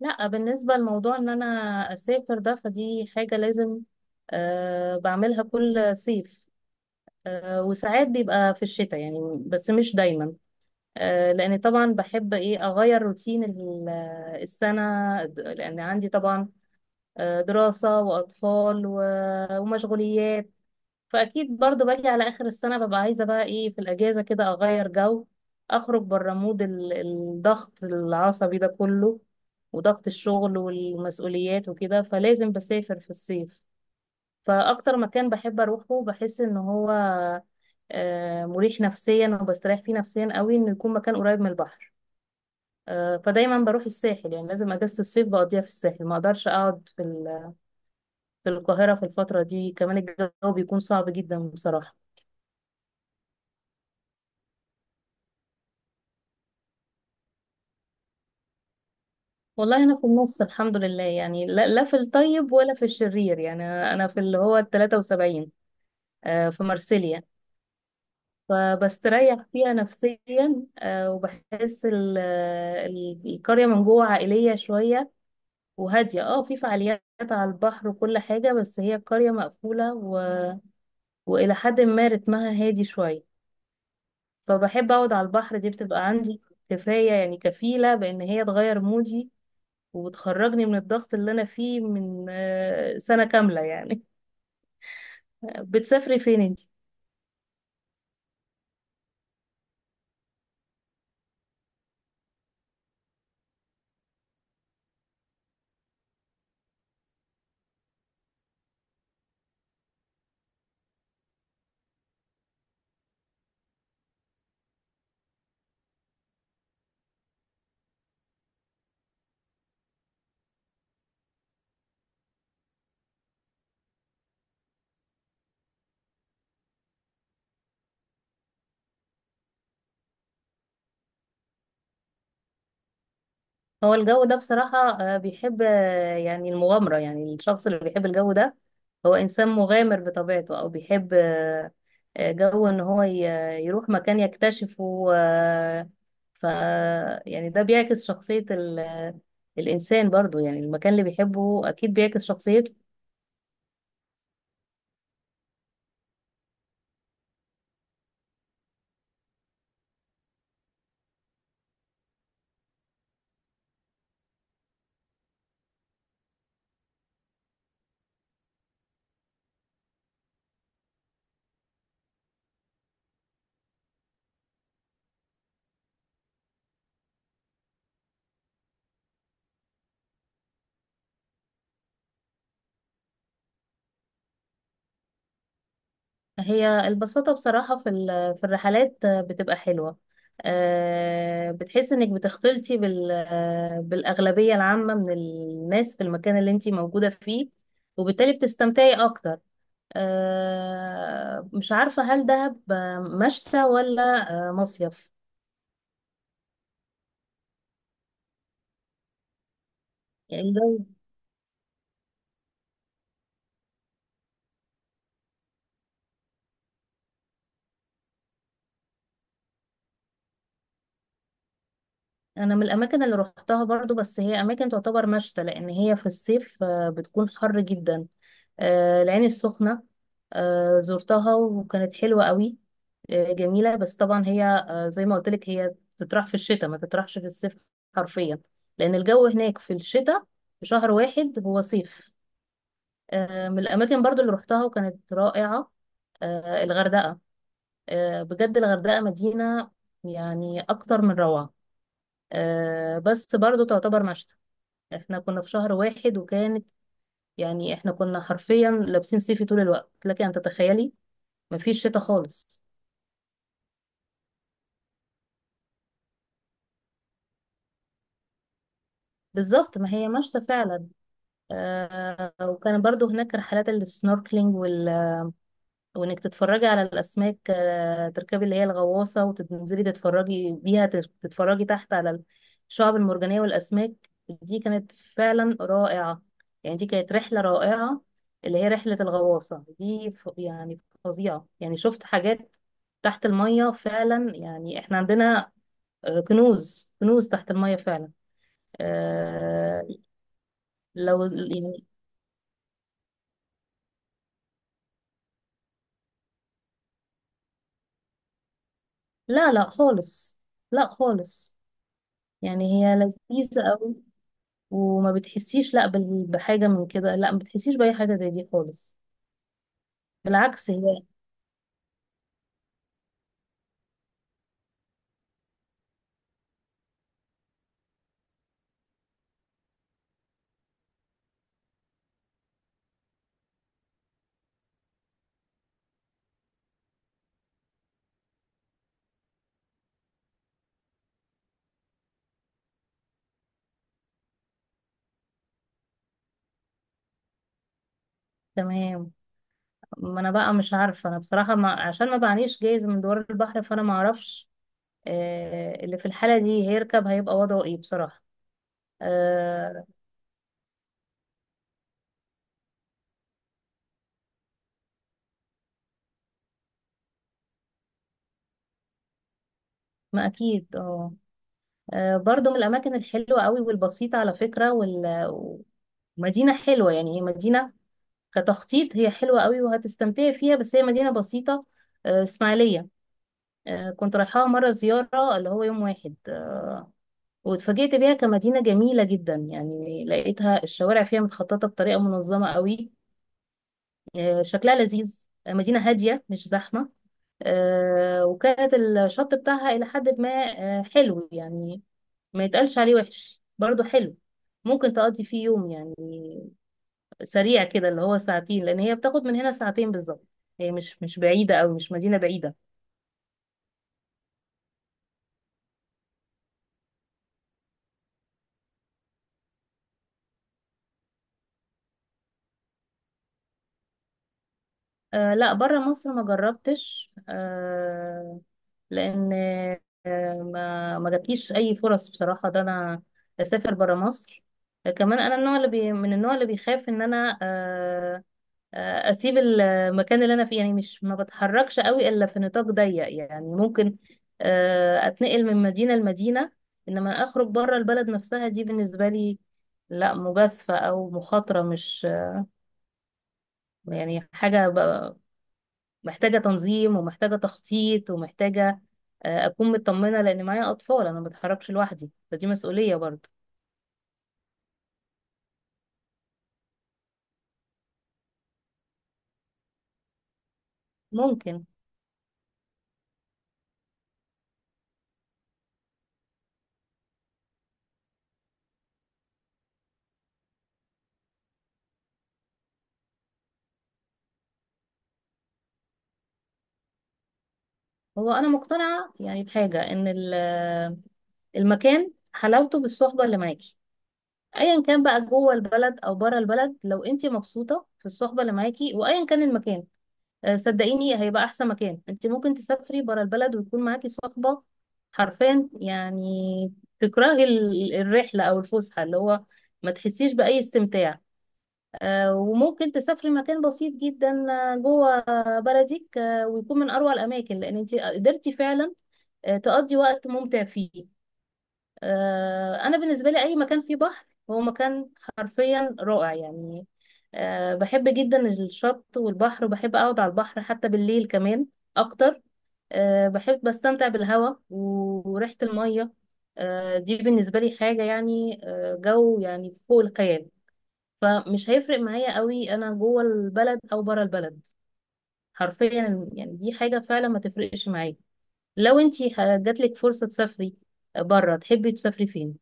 لا، بالنسبة لموضوع ان انا اسافر ده فدي حاجة لازم بعملها كل صيف. وساعات بيبقى في الشتاء يعني، بس مش دايما. لان طبعا بحب ايه، اغير روتين السنة، لان عندي طبعا دراسة واطفال و- ومشغوليات. فاكيد برضو باجي على اخر السنه ببقى عايزه بقى ايه في الاجازه كده، اغير جو، اخرج بره مود الضغط العصبي ده كله وضغط الشغل والمسؤوليات وكده، فلازم بسافر في الصيف. فاكتر مكان بحب اروحه، بحس ان هو مريح نفسيا وبستريح فيه نفسيا قوي، انه يكون مكان قريب من البحر. فدايما بروح الساحل، يعني لازم اجازة الصيف بقضيها في الساحل. ما اقدرش اقعد في في القاهرة في الفترة دي، كمان الجو بيكون صعب جدا بصراحة. والله انا في النص الحمد لله، يعني لا، في الطيب ولا في الشرير، يعني أنا في اللي هو ال 73، في مارسيليا. فبستريح فيها نفسيا، وبحس القرية من جوه عائلية شوية وهادية، في فعاليات على البحر وكل حاجة، بس هي القرية مقفولة و... وإلى حد ما رتمها هادي شوية. فبحب أقعد على البحر، دي بتبقى عندي كفاية، يعني كفيلة بإن هي تغير مودي وبتخرجني من الضغط اللي انا فيه من سنة كاملة يعني. بتسافري فين انت؟ هو الجو ده بصراحة بيحب يعني المغامرة، يعني الشخص اللي بيحب الجو ده هو إنسان مغامر بطبيعته، أو بيحب جو إن هو يروح مكان يكتشفه، آه، ف يعني ده بيعكس شخصية الإنسان برضو، يعني المكان اللي بيحبه أكيد بيعكس شخصيته. هي البساطة بصراحة في في الرحلات بتبقى حلوة، بتحس انك بتختلطي بالأغلبية العامة من الناس في المكان اللي انتي موجودة فيه، وبالتالي بتستمتعي أكتر. مش عارفة، هل دهب مشتى ولا مصيف؟ يعني أنا من الأماكن اللي روحتها برضو، بس هي أماكن تعتبر مشتى لأن هي في الصيف بتكون حر جدا. العين السخنة زرتها وكانت حلوة قوي، جميلة، بس طبعا هي زي ما قلت لك، هي تطرح في الشتاء ما تطرحش في الصيف حرفيا، لأن الجو هناك في الشتاء، في شهر واحد هو صيف. من الأماكن برضو اللي روحتها وكانت رائعة الغردقة. بجد الغردقة مدينة يعني أكتر من روعة. بس برضو تعتبر مشتى، احنا كنا في شهر واحد وكانت، يعني احنا كنا حرفيا لابسين صيفي طول الوقت، لكن أن تتخيلي مفيش شتاء خالص. بالظبط، ما هي مشتى فعلا. وكان برضو هناك رحلات السنوركلينج وانك تتفرجي على الاسماك، تركبي اللي هي الغواصه وتنزلي تتفرجي بيها تتفرجي تحت على الشعب المرجانيه والاسماك. دي كانت فعلا رائعه، يعني دي كانت رحله رائعه اللي هي رحله الغواصه دي. يعني فظيعه، يعني شفت حاجات تحت الميه فعلا. يعني احنا عندنا كنوز كنوز تحت الميه فعلا. آه، لو يعني، لا لا خالص، لا خالص، يعني هي لذيذة قوي، وما بتحسيش لا بحاجة من كده، لا ما بتحسيش بأي حاجة زي دي خالص، بالعكس هي تمام. ما انا بقى مش عارفة انا بصراحة، ما عشان ما بعنيش جايز من دوار البحر فانا ما اعرفش اللي في الحالة دي هيركب هيبقى وضعه ايه بصراحة. آه ما اكيد اه. برضو من الاماكن الحلوة قوي والبسيطة على فكرة، ومدينة حلوة، يعني هي مدينة كتخطيط هي حلوة قوي وهتستمتعي فيها، بس هي مدينة بسيطة. إسماعيلية، كنت رايحاها مرة زيارة اللي هو يوم واحد، واتفاجئت بيها كمدينة جميلة جدا. يعني لقيتها الشوارع فيها متخططة بطريقة منظمة قوي، شكلها لذيذ، مدينة هادية مش زحمة. وكانت الشط بتاعها إلى حد ما حلو، يعني ما يتقالش عليه وحش، برضه حلو. ممكن تقضي فيه يوم يعني سريع كده، اللي هو ساعتين، لان هي بتاخد من هنا ساعتين بالظبط. هي مش بعيده، او مش مدينه بعيده. لا، بره مصر ما جربتش. لان ما جاتليش اي فرص بصراحه ده، انا اسافر بره مصر. كمان انا النوع، اللي من النوع اللي بيخاف ان انا اسيب المكان اللي انا فيه، يعني مش ما بتحركش قوي الا في نطاق ضيق، يعني ممكن اتنقل من مدينة لمدينة، انما اخرج بره البلد نفسها، دي بالنسبة لي لا مجازفة او مخاطرة، مش يعني حاجة محتاجة تنظيم ومحتاجة تخطيط ومحتاجة اكون مطمنة، لان معايا اطفال، انا ما بتحركش لوحدي فدي مسؤولية برضه. ممكن. هو انا مقتنعة يعني بحاجة ان المكان حلاوته بالصحبة اللي معاكي، ايا كان بقى جوه البلد او بره البلد. لو انت مبسوطه في الصحبه اللي معاكي وايا كان المكان، صدقيني هيبقى احسن مكان. انت ممكن تسافري بره البلد ويكون معاكي صحبه حرفيا، يعني تكرهي الرحله او الفسحه، اللي هو ما تحسيش باي استمتاع. وممكن تسافري مكان بسيط جدا جوه بلدك ويكون من اروع الاماكن، لان انت قدرتي فعلا تقضي وقت ممتع فيه. انا بالنسبه لي اي مكان فيه بحر هو مكان حرفيا رائع يعني. بحب جدا الشط والبحر، وبحب اقعد على البحر حتى بالليل كمان اكتر. بحب بستمتع بالهواء و- وريحه الميه. دي بالنسبه لي حاجه يعني جو يعني فوق الخيال. فمش هيفرق معايا قوي انا جوه البلد او بره البلد، حرفيا يعني دي حاجه فعلا ما تفرقش معايا. لو انتي جاتلك فرصه تسافري بره تحبي تسافري فين؟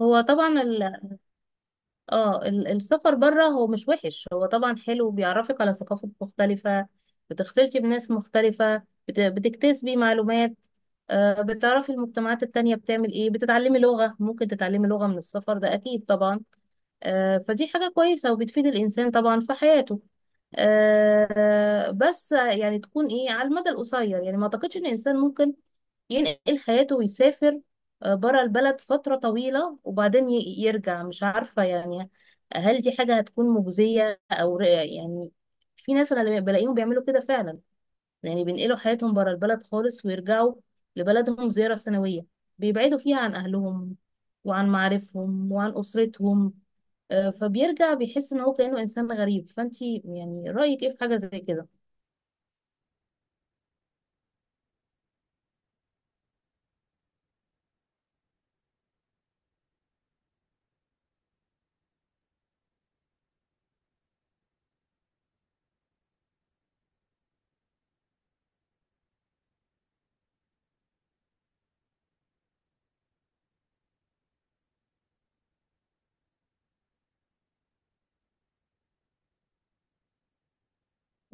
هو طبعا السفر بره هو مش وحش، هو طبعا حلو، بيعرفك على ثقافات مختلفة، بتختلطي بناس مختلفة، بتكتسبي معلومات، بتعرفي المجتمعات التانية بتعمل ايه، بتتعلمي لغة، ممكن تتعلمي لغة من السفر ده اكيد طبعا. فدي حاجة كويسة وبتفيد الانسان طبعا في حياته، بس يعني تكون ايه على المدى القصير. يعني ما اعتقدش ان الانسان ممكن ينقل حياته ويسافر بره البلد فترة طويلة، وبعدين يرجع، مش عارفة يعني هل دي حاجة هتكون مجزية، أو يعني في ناس أنا اللي بلاقيهم بيعملوا كده فعلا، يعني بينقلوا حياتهم بره البلد خالص، ويرجعوا لبلدهم زيارة سنوية، بيبعدوا فيها عن أهلهم وعن معارفهم وعن أسرتهم. فبيرجع بيحس إن هو كأنه إنسان غريب. فأنتي يعني رأيك إيه في حاجة زي كده؟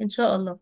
إن شاء الله.